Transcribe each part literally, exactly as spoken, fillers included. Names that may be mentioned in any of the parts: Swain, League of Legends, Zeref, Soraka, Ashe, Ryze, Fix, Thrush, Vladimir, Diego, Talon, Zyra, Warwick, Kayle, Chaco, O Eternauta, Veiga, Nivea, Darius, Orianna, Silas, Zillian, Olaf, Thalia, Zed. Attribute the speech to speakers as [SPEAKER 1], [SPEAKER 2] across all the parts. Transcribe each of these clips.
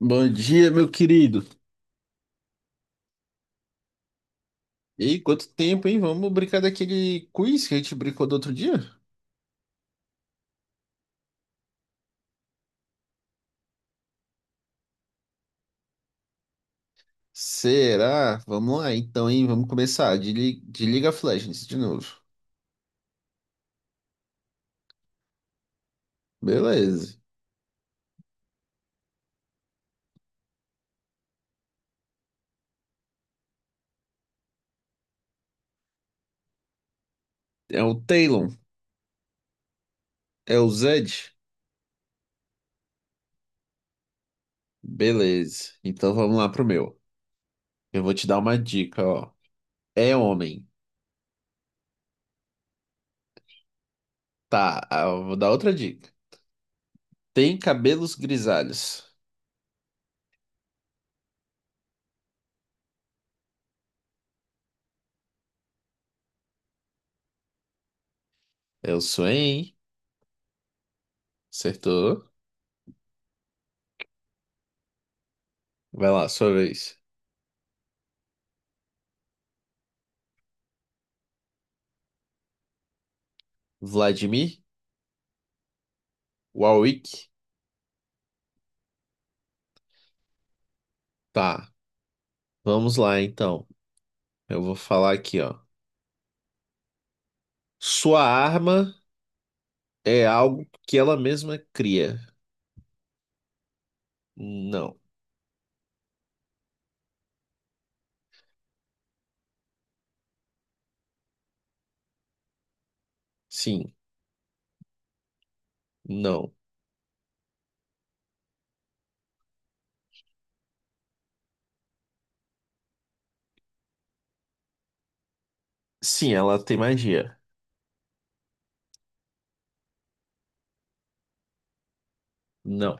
[SPEAKER 1] Bom dia, meu querido. E aí, quanto tempo, hein? Vamos brincar daquele quiz que a gente brincou do outro dia? Será? Vamos lá, então, hein? Vamos começar. De, Li- de League of Legends, de novo. Beleza. É o Talon? É o Zed? Beleza. Então vamos lá pro meu. Eu vou te dar uma dica, ó. É homem. Tá, ah, eu vou dar outra dica. Tem cabelos grisalhos. É o Swain. Acertou. Vai lá, sua vez. Vladimir? Warwick? Tá. Vamos lá, então. Eu vou falar aqui, ó. Sua arma é algo que ela mesma cria. Não. Sim. Não. Sim, ela tem magia. Não.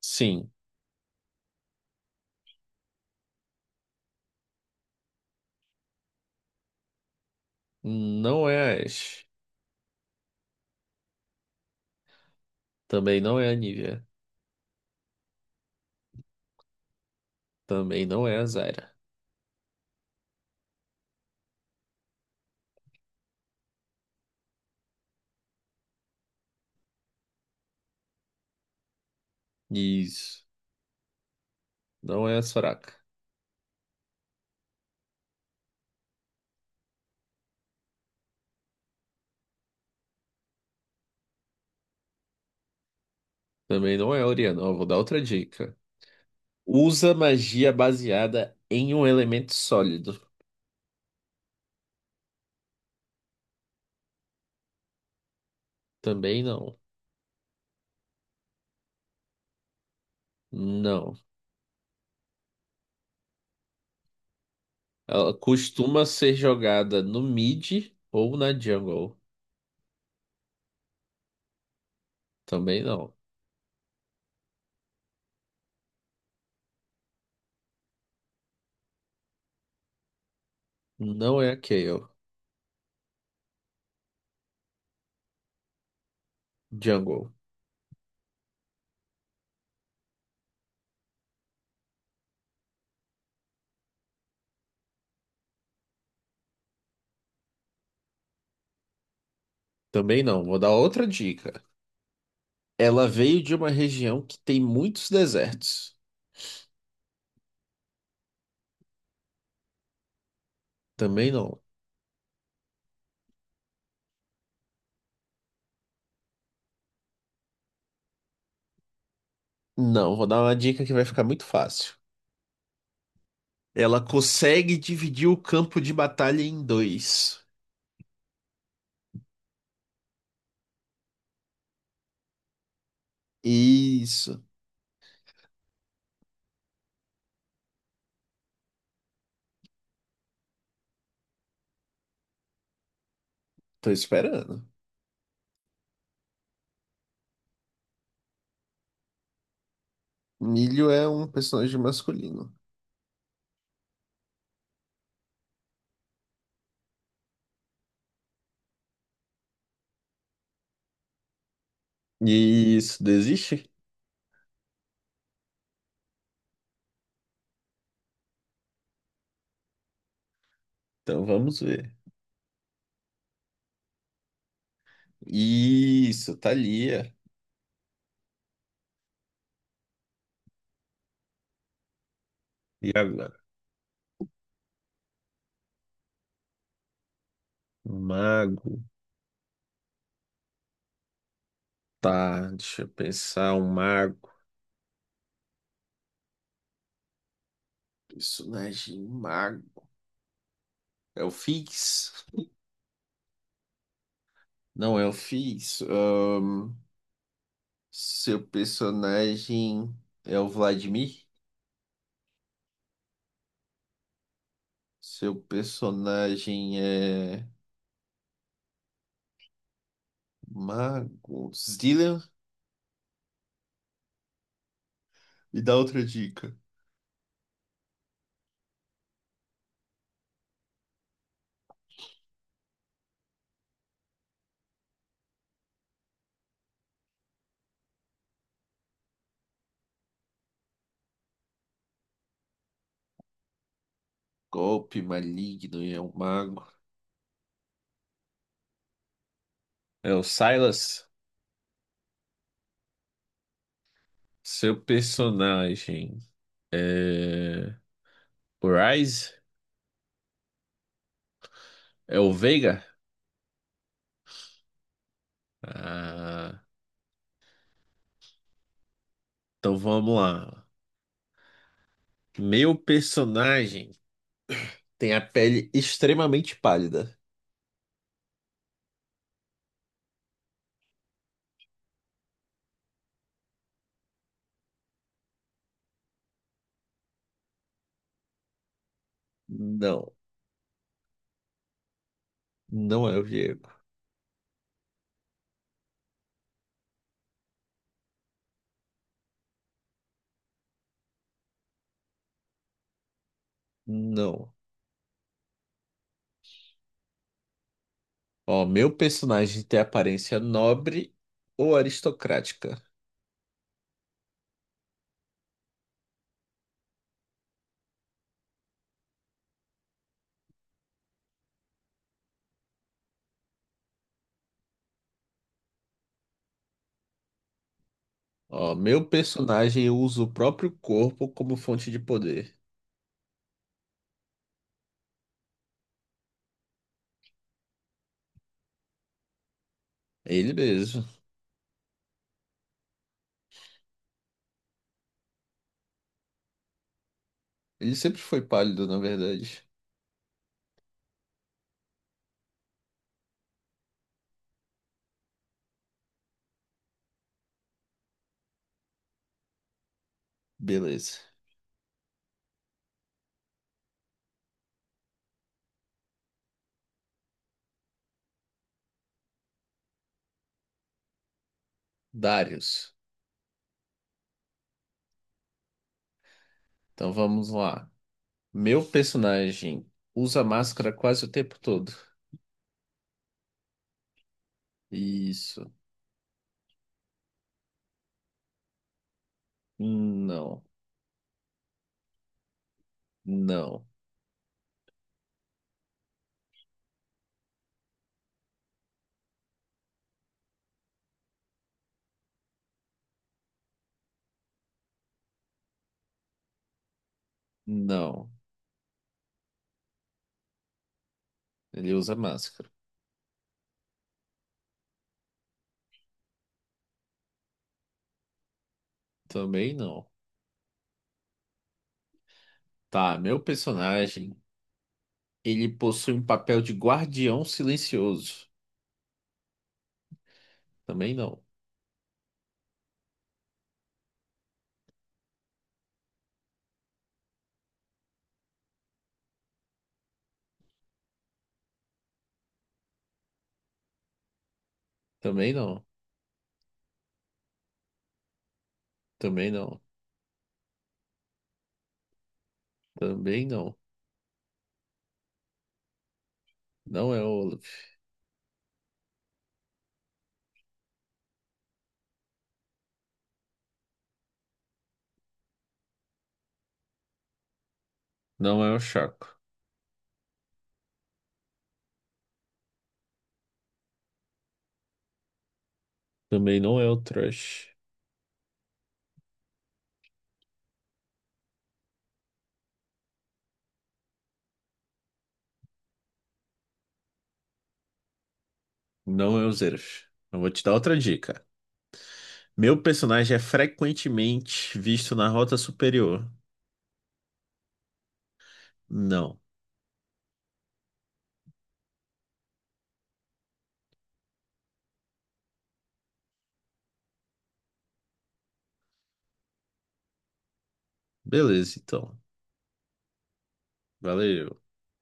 [SPEAKER 1] Sim. Não é a Ashe. Também não é a Nivea. Também não é a Zyra. Isso. Não é a Soraka. Também não é a Orianna. Ó, vou dar outra dica. Usa magia baseada em um elemento sólido. Também não. Não. Ela costuma ser jogada no mid ou na jungle. Também não. Não é a Kayle. Jungle. Também não. Vou dar outra dica. Ela veio de uma região que tem muitos desertos. Também não. Não, vou dar uma dica que vai ficar muito fácil. Ela consegue dividir o campo de batalha em dois. Isso. Tô esperando. Milho é um personagem masculino. Isso, desiste? Então vamos ver. Isso, Thalia. E agora? Mago. Tá, deixa eu pensar. Um mago. Personagem mago. É o Fix? Não é o Fix. Ahn, seu personagem é o Vladimir? Seu personagem é mago. Zillian? Me dá outra dica. Golpe maligno e é um mago. É o Silas? Seu personagem é. O Ryze? É o Veiga? Ah. Então vamos lá. Meu personagem tem a pele extremamente pálida. Não, não é o Diego. Não. Ó, meu personagem tem aparência nobre ou aristocrática. Ó, meu personagem usa o próprio corpo como fonte de poder. É ele mesmo. Ele sempre foi pálido, na verdade. Beleza. Darius. Então vamos lá. Meu personagem usa máscara quase o tempo todo. Isso. Não. Não. Não. Ele usa máscara. Também não. Tá, meu personagem, ele possui um papel de guardião silencioso. Também não. Também não. Também não. Também não. Não é o Olaf. Não é o Chaco. Também não é o Thrush. Não é o Zeref. Eu vou te dar outra dica. Meu personagem é frequentemente visto na rota superior. Não. Beleza, então. Valeu.